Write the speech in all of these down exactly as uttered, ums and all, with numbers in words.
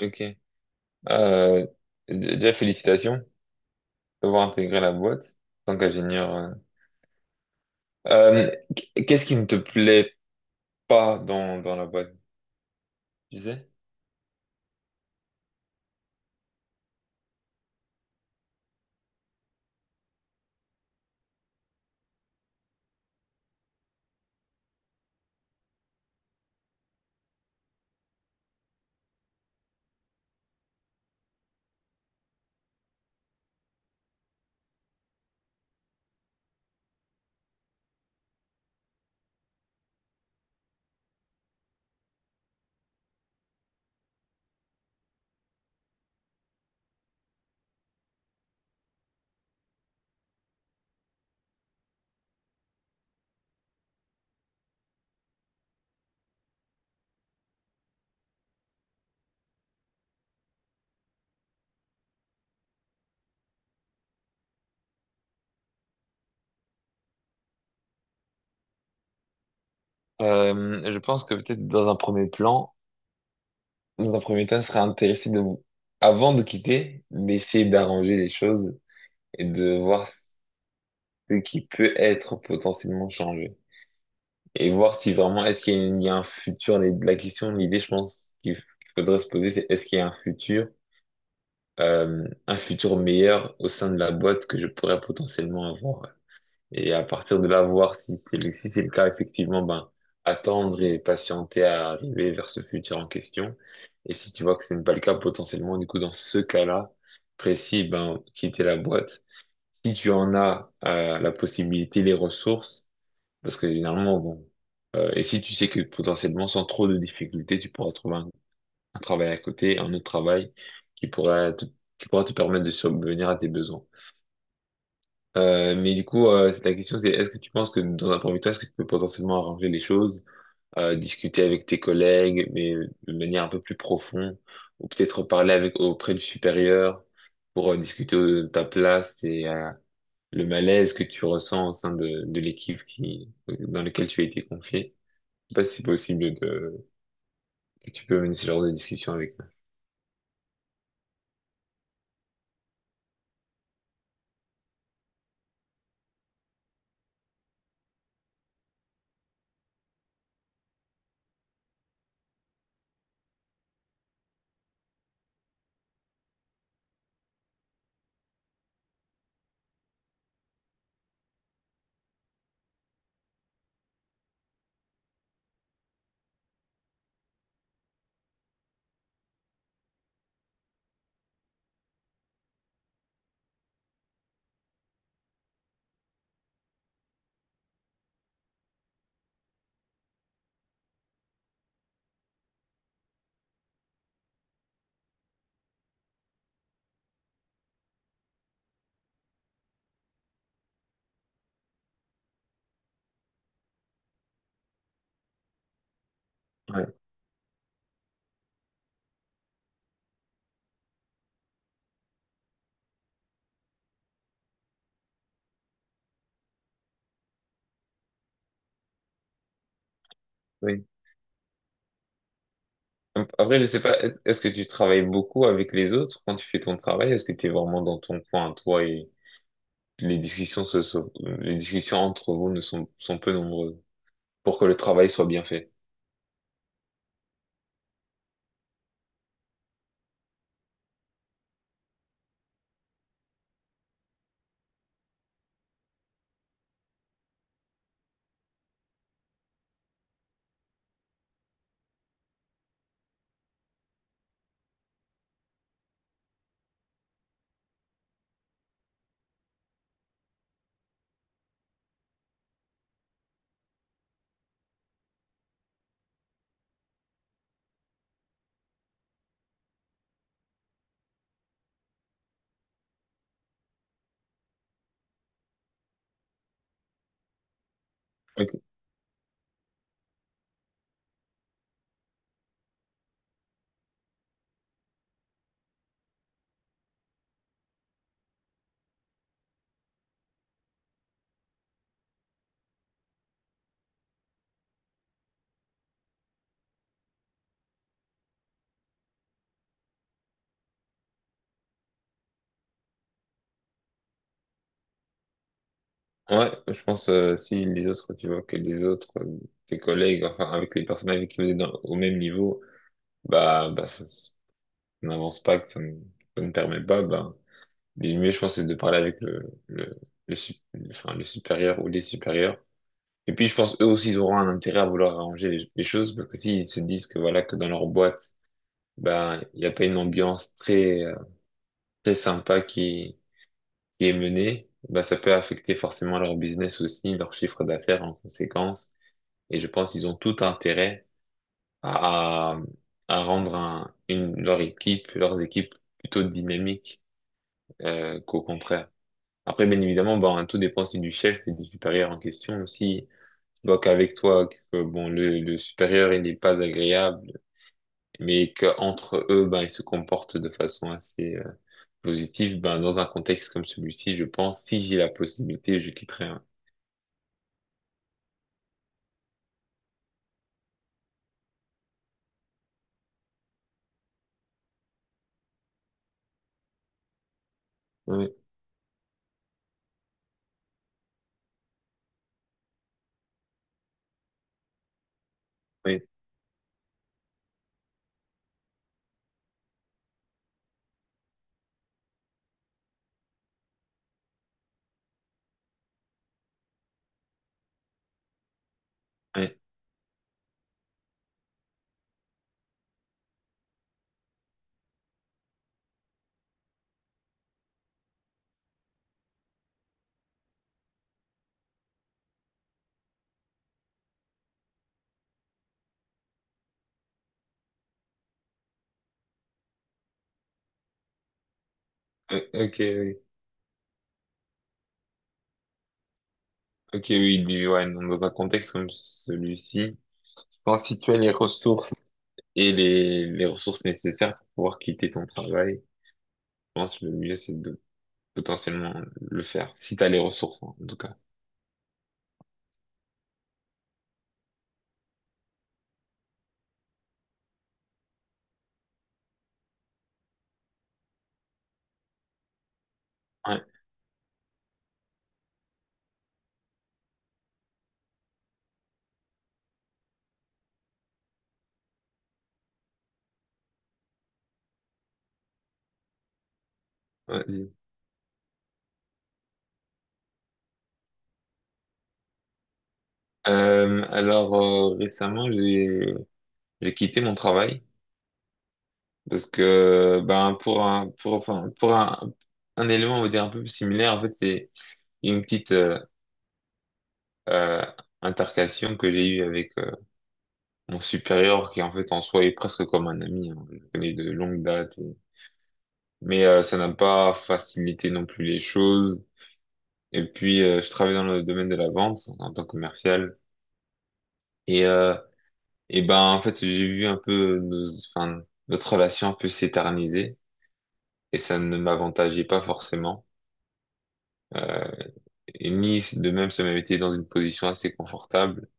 Ok. Euh, d- déjà, félicitations d'avoir intégré la boîte en tant qu'ingénieur. euh. Euh, qu- qu'est-ce qui ne te plaît pas dans, dans la boîte, tu sais? Euh, je pense que peut-être dans un premier plan, dans un premier temps, il serait intéressé de, avant de quitter, d'essayer d'arranger les choses et de voir ce qui peut être potentiellement changé. Et voir si vraiment, est-ce qu'il y a, il y a un futur, les- la question, l'idée, je pense, qu'il f- qu'il faudrait se poser, c'est est-ce qu'il y a un futur? euh, un futur meilleur au sein de la boîte que je pourrais potentiellement avoir. Et à partir de là, voir si c'est le, si c'est le cas, effectivement, ben, attendre et patienter à arriver vers ce futur en question. Et si tu vois que ce n'est pas le cas, potentiellement, du coup, dans ce cas-là précis, ben, quitter la boîte. Si tu en as euh, la possibilité, les ressources, parce que généralement, bon, euh, et si tu sais que potentiellement, sans trop de difficultés, tu pourras trouver un un travail à côté, un autre travail qui pourrait te, qui pourra te permettre de subvenir à tes besoins. Euh, mais du coup, euh, la question c'est, est-ce que tu penses que dans un premier temps, est-ce que tu peux potentiellement arranger les choses, euh, discuter avec tes collègues, mais de manière un peu plus profonde, ou peut-être parler avec auprès du supérieur pour euh, discuter de ta place et euh, le malaise que tu ressens au sein de, de l'équipe qui, dans laquelle tu as été confié? Je sais pas si c'est possible de, que tu peux mener ce genre de discussion avec eux. Ouais, oui. Après, je sais pas, est- est-ce que tu travailles beaucoup avec les autres quand tu fais ton travail? Est-ce que tu es vraiment dans ton coin, toi, et les discussions se sont- les discussions entre vous ne sont, sont peu nombreuses pour que le travail soit bien fait? Ok. Ouais, je pense, euh, si les autres, tu vois, que les autres, euh, tes collègues, enfin, avec les personnes avec qui vous êtes dans- au même niveau, bah, bah, ça, s- ça n'avance pas, que ça ne, ça ne permet pas, bah, le mieux, je pense, c'est de parler avec le, le, le, sup- enfin, le supérieur ou les supérieurs. Et puis, je pense eux aussi, ils auront un intérêt à vouloir arranger les, les choses parce que s'ils se disent que voilà, que dans leur boîte, ben, il n'y a pas une ambiance très, euh, très sympa qui, qui est menée, ben, ça peut affecter forcément leur business aussi, leur chiffre d'affaires en conséquence. Et je pense qu'ils ont tout intérêt à, à, à rendre un- une, leur équipe, leurs équipes plutôt dynamiques, euh, qu'au contraire. Après, bien évidemment, ben, tout dépend aussi du chef et du supérieur en question aussi. Donc avec toi, que, bon, le, le supérieur, il n'est pas agréable, mais qu'entre eux, ben, ils se comportent de façon assez euh, positive, ben, dans un contexte comme celui-ci, je pense, si j'ai la possibilité, je quitterai, hein. Oui, oui, oui, oui, ok, oui, ok, oui, du- ouais, non, dans un contexte comme celui-ci, je pense que si tu as les ressources et les, les ressources nécessaires pour pouvoir quitter ton travail, je pense que le mieux, c'est de potentiellement le faire, si tu as les ressources, hein, en tout cas. Ouais, ouais. Euh, alors euh, récemment j'ai j'ai quitté mon travail parce que ben pour un pour enfin pour un un élément on va dire un peu similaire en fait c'est une petite euh, euh, intercation que j'ai eue avec euh, mon supérieur qui en fait en soi est presque comme un ami, hein. Je le connais de longue date et- mais euh, ça n'a pas facilité non plus les choses et puis euh, je travaille dans le domaine de la vente en tant que commercial et euh, Et ben, en fait, j'ai vu un peu nos, enfin, notre relation un peu s'éterniser et ça ne m'avantageait pas forcément. Euh, et ni de même, ça m'avait été dans une position assez confortable.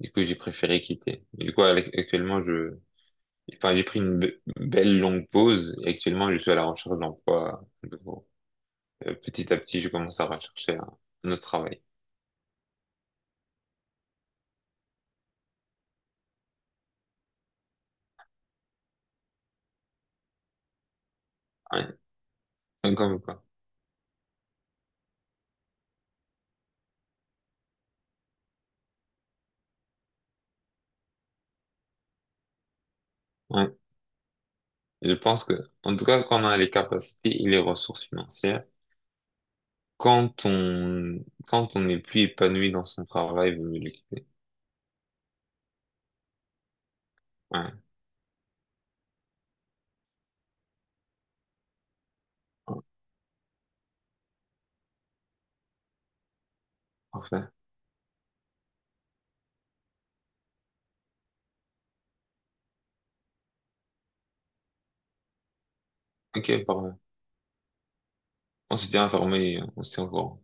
Du coup, j'ai préféré quitter. Et du coup, ac- actuellement, je, enfin, j'ai pris une be- belle longue pause et actuellement, je suis à la recherche d'emploi à nouveau. Euh, petit à petit, je commence à rechercher un, un autre travail. Ouais. Comme quoi. Ouais. Je pense que, en tout cas, quand on a les capacités et les ressources financières, quand on quand on n'est plus épanoui dans son travail, il vaut mieux le quitter. Ouais, parfait. Ok, pardon. On s'était informé, on s'est encore.